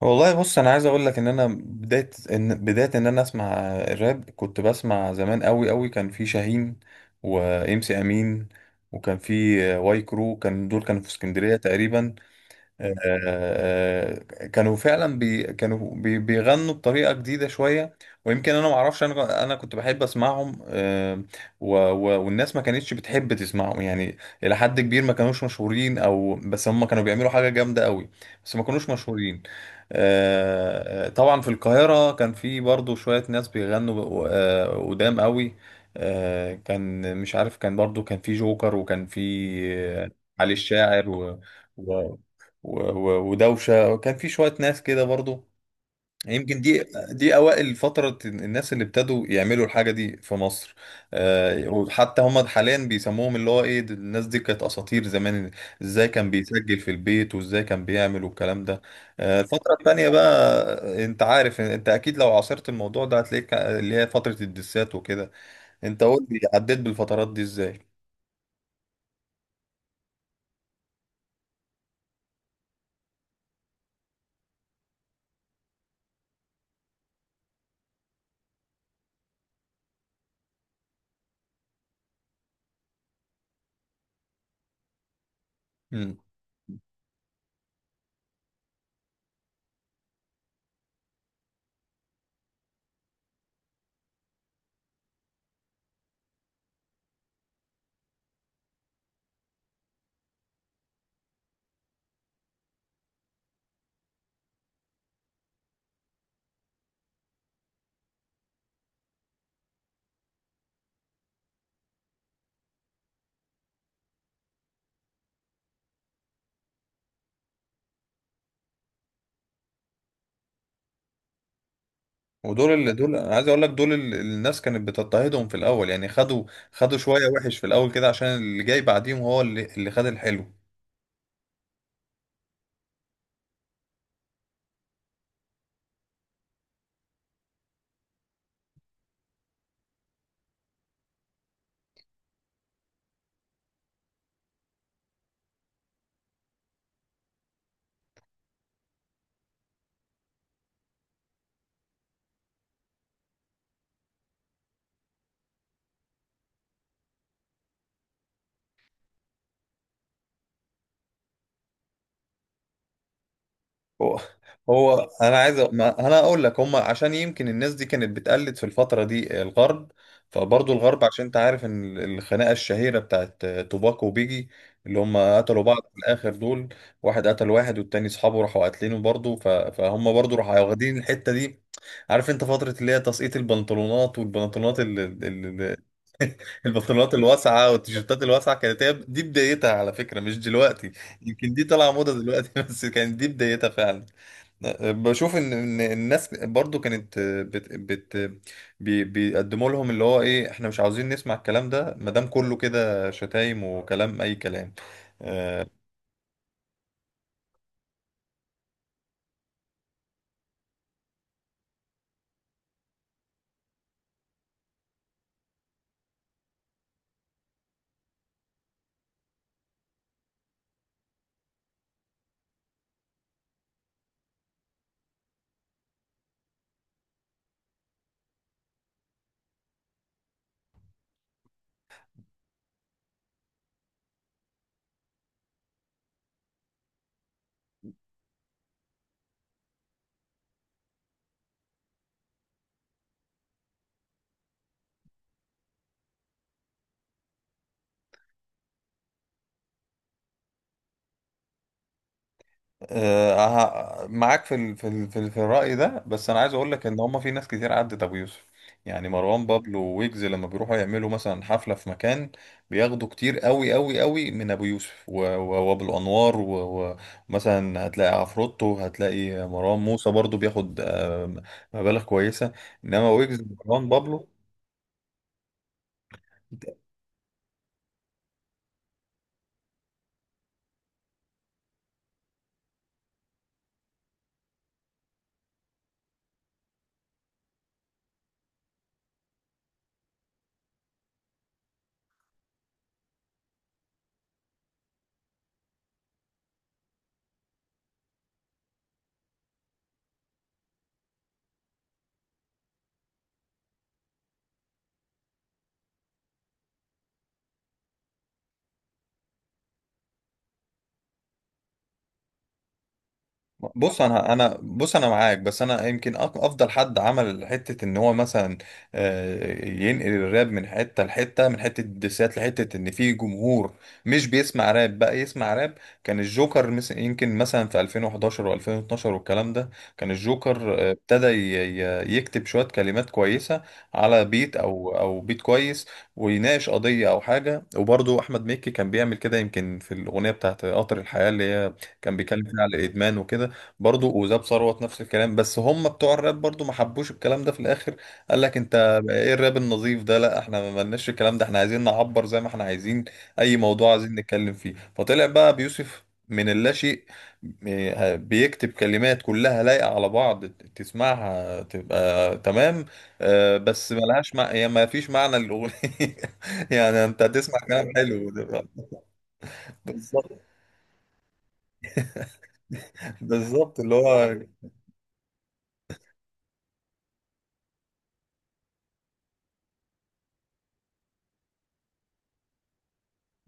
والله بص، انا عايز اقول لك ان انا بدايه ان بدايه ان انا اسمع الراب. كنت بسمع زمان قوي قوي. كان في شاهين وامسي امين، وكان في واي كرو. دول كانوا في اسكندريه تقريبا. آه، آه، كانوا فعلا بي كانوا بي بيغنوا بطريقة جديدة شوية. ويمكن انا ما اعرفش، انا كنت بحب اسمعهم. و و والناس ما كانتش بتحب تسمعهم يعني، الى حد كبير ما كانوش مشهورين، او بس هم كانوا بيعملوا حاجة جامدة قوي. بس ما كانوش مشهورين. طبعا في القاهرة كان في برضو شوية ناس بيغنوا قدام قوي. كان مش عارف، كان برضو كان في جوكر، وكان في آه، علي الشاعر، و... و- و- ودوشه، وكان في شويه ناس كده برضو. يمكن دي، دي اوائل فتره الناس اللي ابتدوا يعملوا الحاجه دي في مصر. وحتى هم حاليا بيسموهم اللي هو ايه، الناس دي كانت اساطير زمان. ازاي كان بيسجل في البيت وازاي كان بيعمل والكلام ده. الفتره التانيه بقى، انت عارف، انت اكيد لو عاصرت الموضوع ده هتلاقيك اللي هي فتره الدسات وكده. انت قول لي، عديت بالفترات دي ازاي؟ ودول، اللي دول، انا عايز اقول لك، دول اللي الناس كانت بتضطهدهم في الاول. يعني خدوا شويه وحش في الاول كده، عشان اللي جاي بعديهم هو اللي خد الحلو. هو هو انا عايز ما انا اقول لك، هم عشان يمكن الناس دي كانت بتقلد في الفتره دي الغرب، فبرضه الغرب، عشان انت عارف ان الخناقه الشهيره بتاعت توباك وبيجي، اللي هم قتلوا بعض في الاخر دول. واحد قتل واحد، والتاني اصحابه راحوا قاتلينه برضه، فهم برضه راحوا واخدين الحته دي. عارف انت فتره اللي هي تسقيط البنطلونات، والبنطلونات البنطلونات الواسعه والتيشيرتات الواسعه كانت هي دي بدايتها على فكره، مش دلوقتي. يمكن دي طالعه موضه دلوقتي، بس كانت دي بدايتها فعلا. بشوف ان ان الناس برضو كانت بت بت بي بيقدموا لهم اللي هو ايه، احنا مش عاوزين نسمع الكلام ده ما دام كله كده شتايم وكلام، اي كلام. آه، معاك في الرأي ده، بس انا عايز اقول لك ان هم في ناس كتير عدت ابو يوسف. يعني مروان بابلو ويجز لما بيروحوا يعملوا مثلا حفلة في مكان، بياخدوا كتير قوي قوي قوي من ابو يوسف وابو انوار. ومثلا هتلاقي عفروتو، هتلاقي مروان موسى برضو بياخد مبالغ كويسة، انما ويجز ومروان بابلو. بص انا معاك، بس انا يمكن افضل حد عمل حته ان هو مثلا ينقل الراب من حته لحته، من حته الدسات لحته ان في جمهور مش بيسمع راب بقى يسمع راب. كان الجوكر يمكن مثلا في 2011 و2012 والكلام ده. كان الجوكر ابتدى يكتب شويه كلمات كويسه على بيت او بيت كويس، ويناقش قضيه او حاجه. وبرضه احمد مكي كان بيعمل كده، يمكن في الاغنيه بتاعت قطر الحياه اللي هي كان بيتكلم فيها على الادمان وكده. برضو وزاب ثروت نفس الكلام، بس هم بتوع الراب برضو ما حبوش الكلام ده في الاخر. قال لك انت بقى ايه الراب النظيف ده، لا احنا ما لناش الكلام ده، احنا عايزين نعبر زي ما احنا عايزين اي موضوع عايزين نتكلم فيه. فطلع بقى بيوسف من اللاشيء، بيكتب كلمات كلها لايقة على بعض، تسمعها تبقى تمام. بس ملهاش هي ما فيش معنى للأغنية. يعني انت هتسمع كلام حلو. بالظبط. بالظبط اللي هو،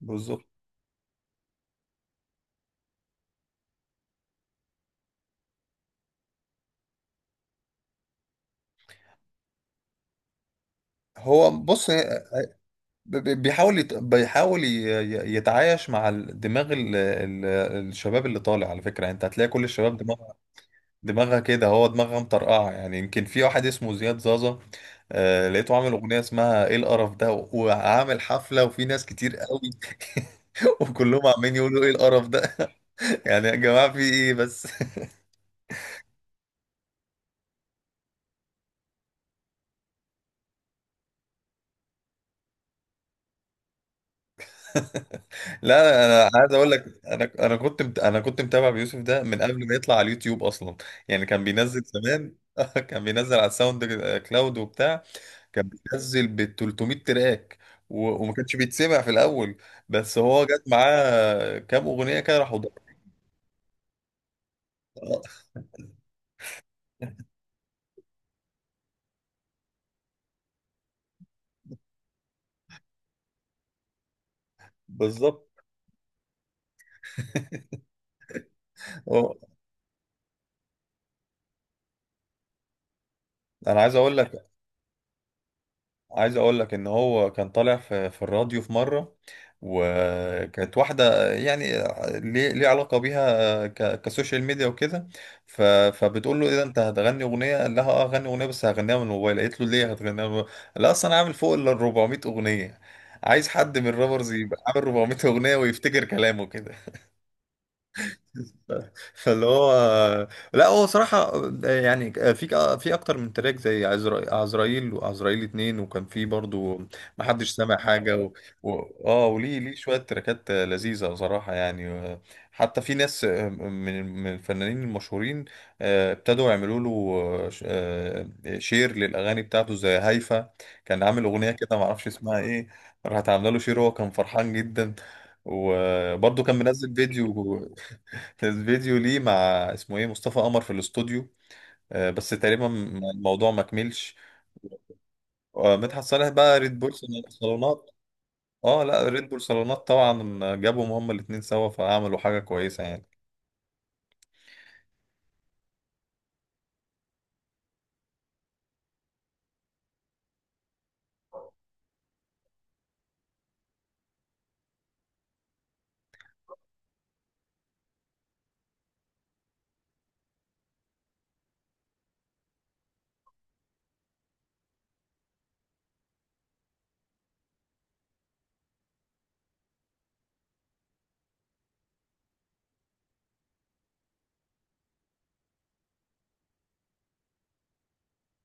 بالظبط. هو بص، بيحاول يت... بيحاول ي- ي- يتعايش مع دماغ الشباب اللي طالع على فكرة. يعني انت هتلاقي كل الشباب دماغها كده. هو دماغها مطرقعة، يعني يمكن في واحد اسمه زياد زازا. لقيته عامل أغنية اسمها ايه القرف ده، وعامل حفلة وفي ناس كتير قوي. وكلهم عمالين يقولوا ايه القرف ده. يعني يا جماعة في ايه بس؟ لا انا عايز اقول لك، انا كنت متابع بيوسف ده من قبل ما يطلع على اليوتيوب اصلا. يعني كان بينزل زمان، كان بينزل على الساوند كلاود وبتاع. كان بينزل ب 300 تراك، و... وما كانش بيتسمع في الاول. بس هو جت معاه كام اغنيه كده راحوا بالظبط. هو- انا عايز اقول لك ان هو كان طالع في في الراديو في مره، وكانت واحده يعني ليه ليه علاقه بيها كسوشيال ميديا وكده. فبتقول له ايه ده، انت هتغني اغنيه؟ قال لها اه هغني اغنيه، بس هغنيها من الموبايل. قالت له ليه هتغنيها من الموبايل؟ لا اصل انا عامل فوق ال 400 اغنيه. عايز حد من الرابرز يبقى عامل 400 اغنيه ويفتكر كلامه كده؟ فاللي هو. لا هو صراحة يعني في أكتر من تراك زي عزرائيل وعزرائيل اتنين، وكان في برضو محدش سامع حاجة، و... اه وليه شوية تراكات لذيذة صراحة يعني. حتى في ناس من الفنانين المشهورين ابتدوا يعملوا له شير للأغاني بتاعته، زي هيفا كان عامل أغنية كده معرفش اسمها ايه. راحت عاملة له شير، وهو كان فرحان جدا. وبرضه كان منزل فيديو. كان فيديو ليه مع، اسمه ايه، مصطفى قمر في الاستوديو. بس تقريبا الموضوع ما كملش. مدحت صالح بقى ريد بول صالونات. اه لا ريد بول صالونات. طبعا جابهم هما الاتنين سوا، فعملوا حاجة كويسة يعني.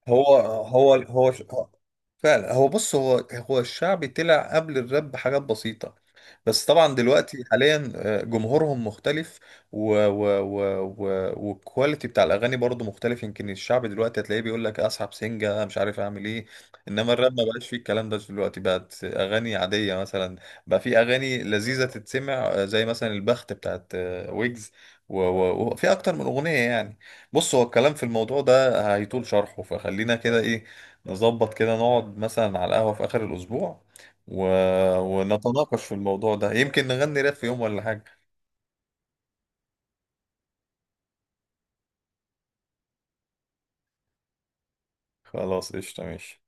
هو هو فعلا، هو بص، هو الشعبي طلع قبل الراب بحاجات بسيطة. بس طبعا دلوقتي حاليا جمهورهم مختلف و و و و والكواليتي بتاع الاغاني برضو مختلف. يمكن الشعب دلوقتي هتلاقيه بيقول لك اسحب سنجة مش عارف اعمل ايه، انما الراب ما بقاش فيه الكلام ده دلوقتي، بقت اغاني عادية مثلا. بقى في اغاني لذيذة تتسمع زي مثلا البخت بتاعت ويجز، وفي اكتر من اغنية يعني. بص هو الكلام في الموضوع ده هيطول شرحه، فخلينا كده ايه، نظبط كده نقعد مثلا على القهوة في اخر الاسبوع، و... ونتناقش في الموضوع ده، يمكن نغني راب في يوم ولا حاجة. خلاص قشطة، ماشي.